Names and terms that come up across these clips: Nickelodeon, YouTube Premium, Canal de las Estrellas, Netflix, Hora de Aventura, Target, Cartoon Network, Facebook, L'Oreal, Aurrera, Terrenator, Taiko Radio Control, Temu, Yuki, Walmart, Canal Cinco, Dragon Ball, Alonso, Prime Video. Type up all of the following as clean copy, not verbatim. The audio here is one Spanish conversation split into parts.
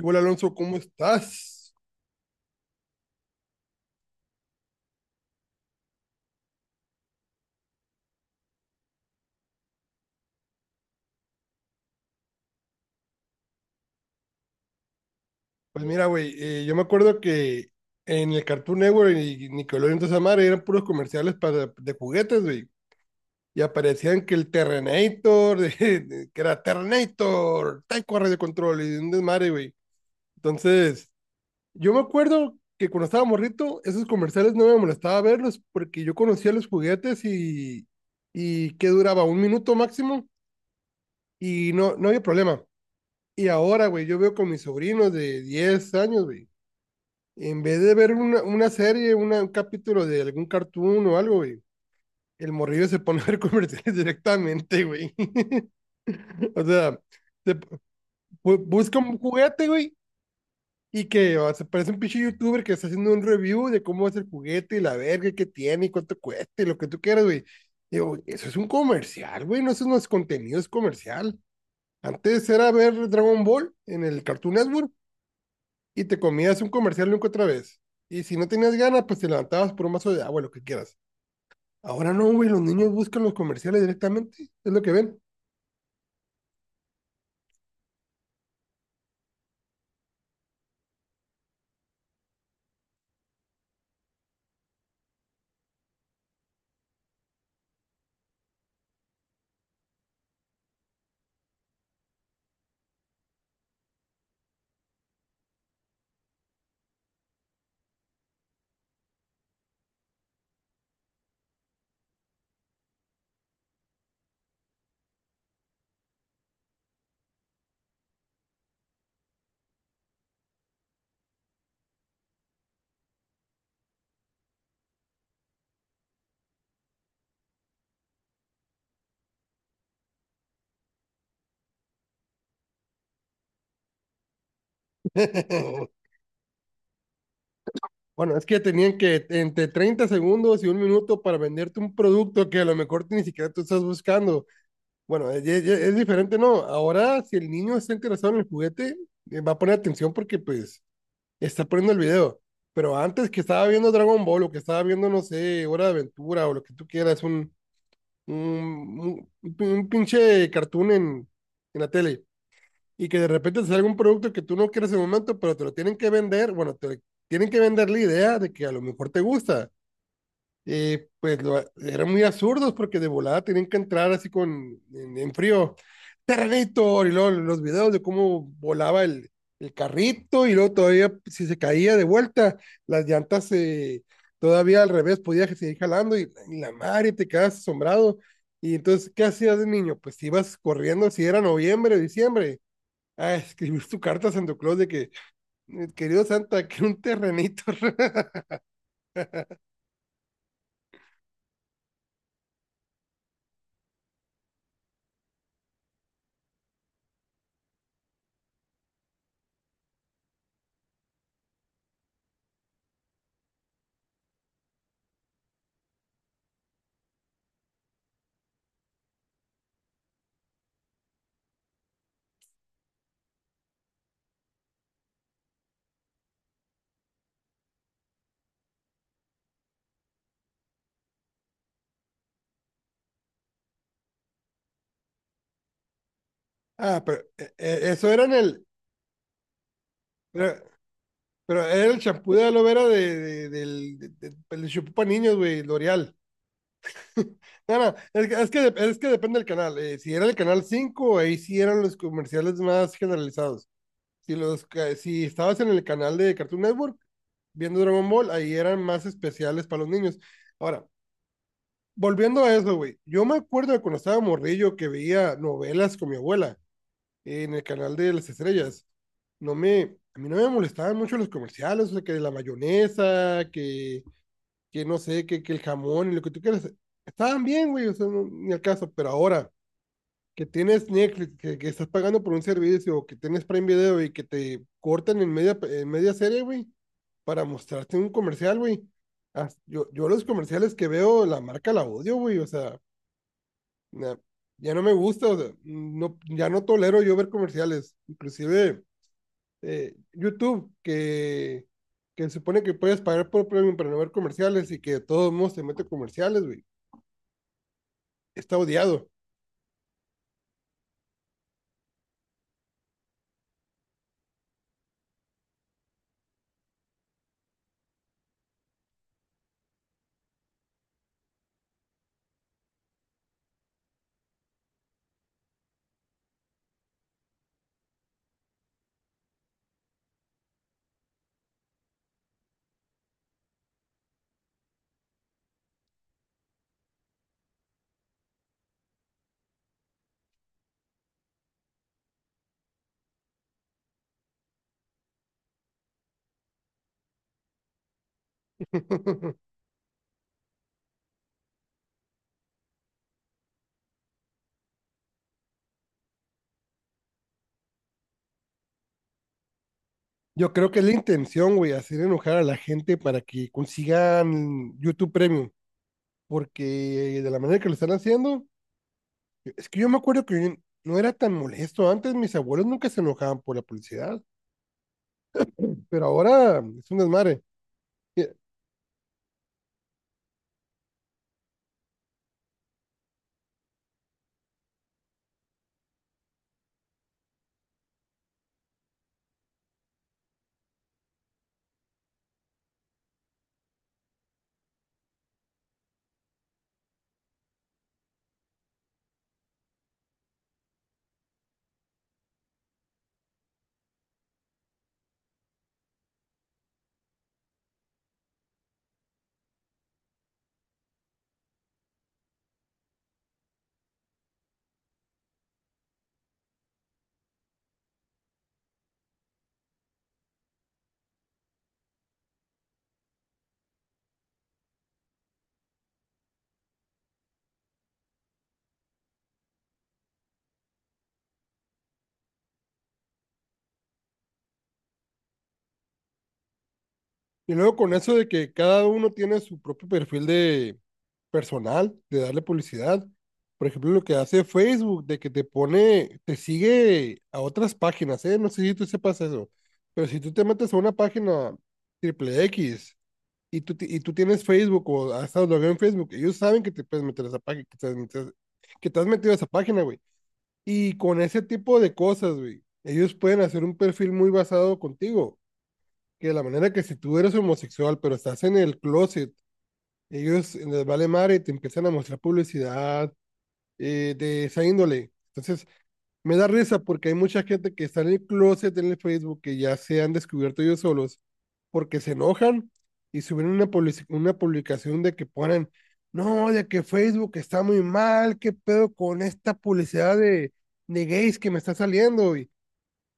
Hola Alonso, ¿cómo estás? Pues mira, güey, yo me acuerdo que en el Cartoon Network y Nickelodeon toda esa madre eran puros comerciales para, de juguetes, güey. Y aparecían que el Terrenator, que era Terrenator, Taiko Radio Control y un desmadre, güey. Entonces, yo me acuerdo que cuando estaba morrito, esos comerciales no me molestaba verlos porque yo conocía los juguetes y que duraba un minuto máximo y no, no había problema. Y ahora, güey, yo veo con mis sobrinos de 10 años, güey. En vez de ver una serie, un capítulo de algún cartoon o algo, güey, el morrillo se pone a ver comerciales directamente, güey. O sea, se p- busca un juguete, güey, y que o, se parece un pinche youtuber que está haciendo un review de cómo es el juguete y la verga que tiene y cuánto cuesta y lo que tú quieras, güey. Digo, eso es un comercial, güey, no, eso no es contenido, es comercial. Antes era ver Dragon Ball en el Cartoon Network y te comías un comercial nunca otra vez. Y si no tenías ganas, pues te levantabas por un vaso de agua, lo que quieras. Ahora no, güey, los niños buscan los comerciales directamente, es lo que ven. Bueno, es que tenían que entre 30 segundos y un minuto para venderte un producto que a lo mejor ni siquiera tú estás buscando. Bueno, es diferente, ¿no? Ahora, si el niño está interesado en el juguete, va a poner atención porque, pues, está poniendo el video. Pero antes que estaba viendo Dragon Ball o que estaba viendo, no sé, Hora de Aventura o lo que tú quieras, un, un- un pinche cartoon en la tele y que de repente te salga un producto que tú no quieres en el momento, pero te lo tienen que vender, bueno, te tienen que vender la idea de que a lo mejor te gusta pues eran muy absurdos porque de volada tenían que entrar así con en frío. Terrenator, y luego los videos de cómo volaba el carrito, y luego todavía pues, si se caía de vuelta, las llantas todavía al revés podía seguir jalando, y la madre te quedas asombrado. Y entonces, ¿qué hacías de niño? Pues te ibas corriendo, si era noviembre, diciembre, a escribir tu carta a Santa Claus de que, querido Santa, que un terrenito." Ah, pero eso era en el, pero pero era el champú de aloe vera del champú para niños, güey, L'Oreal. No, no, es que depende del canal. Si era el canal 5 ahí sí eran los comerciales más generalizados. Si, si estabas en el canal de Cartoon Network viendo Dragon Ball, ahí eran más especiales para los niños. Ahora, volviendo a eso, güey, yo me acuerdo de cuando estaba morrillo que veía novelas con mi abuela en el canal de las estrellas, a mí no me molestaban mucho los comerciales, o sea, que la mayonesa, que no sé, que el jamón y lo que tú quieras, estaban bien, güey, o sea, no, ni al caso, pero ahora que tienes Netflix, que estás pagando por un servicio, que tienes Prime Video y que te cortan en media serie, güey, para mostrarte un comercial, güey. Yo los comerciales que veo, la marca la odio, güey, o sea, na- ya no me gusta, o sea, no, ya no tolero yo ver comerciales, inclusive YouTube, que se supone que puedes pagar por premium para no ver comerciales y que de todos modos se mete comerciales, güey. Está odiado. Yo creo que es la intención, güey, hacer enojar a la gente para que consigan YouTube Premium, porque de la manera que lo están haciendo, es que yo me acuerdo que no era tan molesto antes, mis abuelos nunca se enojaban por la publicidad, pero ahora es un desmadre. Y luego con eso de que cada uno tiene su propio perfil de personal, de darle publicidad. Por ejemplo, lo que hace Facebook, de que te pone, te sigue a otras páginas, ¿eh? No sé si tú sepas eso, pero si tú te metes a una página triple X y tú tienes Facebook o has estado logueado en Facebook, ellos saben que te puedes meter a esa página, que te has metido, que te has metido a esa página, güey. Y con ese tipo de cosas, güey, ellos pueden hacer un perfil muy basado contigo que de la manera que si tú eres homosexual, pero estás en el closet, ellos les vale madre y te empiezan a mostrar publicidad de esa índole. Entonces, me da risa porque hay mucha gente que está en el closet en el Facebook que ya se han descubierto ellos solos porque se enojan y suben una, una publicación de que ponen, no, de que Facebook está muy mal, qué pedo con esta publicidad de gays que me está saliendo.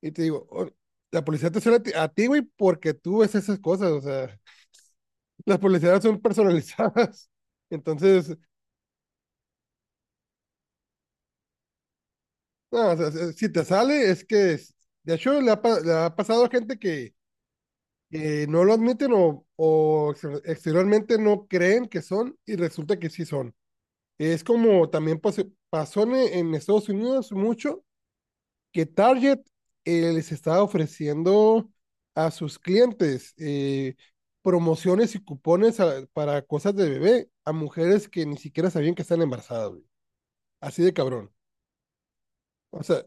Y te digo, "Oh, la publicidad te sale a ti, güey, porque tú ves esas cosas, o sea, las publicidades son personalizadas." Entonces, no, o sea, si te sale, de hecho, le ha pasado a gente que no lo admiten o exteriormente no creen que son y resulta que sí son. Es como también pasó en Estados Unidos mucho que Target les estaba ofreciendo a sus clientes promociones y cupones para cosas de bebé a mujeres que ni siquiera sabían que están embarazadas, güey. Así de cabrón. O sea,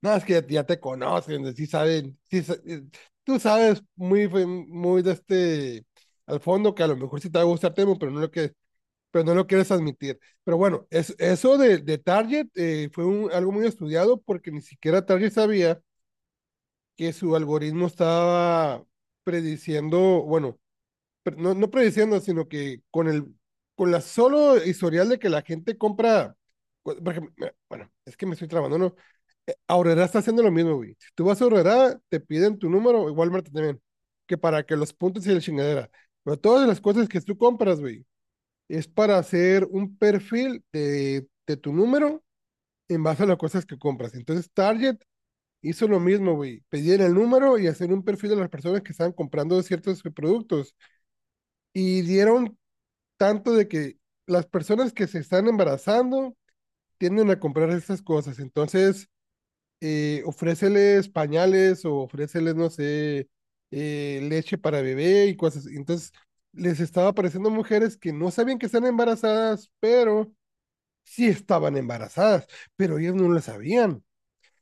no, es que ya, ya te conocen, sí saben, tú sabes muy, muy de este, al fondo que a lo mejor sí te va a gustar Temu, pero no lo que, pero no lo quieres admitir. Pero bueno, es, eso de Target fue un, algo muy estudiado porque ni siquiera Target sabía que su algoritmo estaba prediciendo, bueno, no, no prediciendo, sino que con con la solo historial de que la gente compra, por ejemplo, bueno, es que me estoy trabando, ¿no? No, Aurrera está haciendo lo mismo, güey. Si tú vas a Aurrera, te piden tu número, igual Walmart también, que para que los puntos y la chingadera. Pero todas las cosas que tú compras, güey, es para hacer un perfil de tu número en base a las cosas que compras. Entonces, Target hizo lo mismo, güey. Pedían el número y hacer un perfil de las personas que estaban comprando ciertos productos. Y dieron tanto de que las personas que se están embarazando tienden a comprar estas cosas. Entonces, ofréceles pañales o ofréceles, no sé, leche para bebé y cosas. Así. Entonces, les estaba apareciendo mujeres que no sabían que están embarazadas, pero sí estaban embarazadas, pero ellas no lo sabían.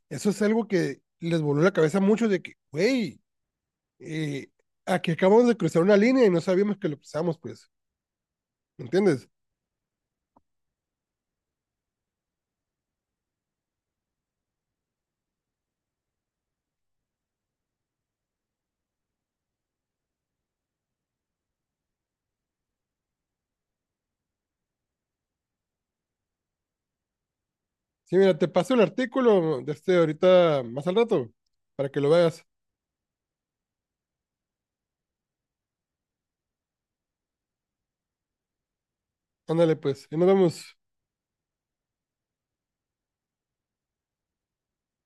Eso es algo que les voló la cabeza mucho de que, güey, eh, aquí acabamos de cruzar una línea y no sabíamos que lo cruzamos, pues, ¿me entiendes? Sí, mira, te paso el artículo de este ahorita más al rato para que lo veas. Ándale, pues, y nos vemos.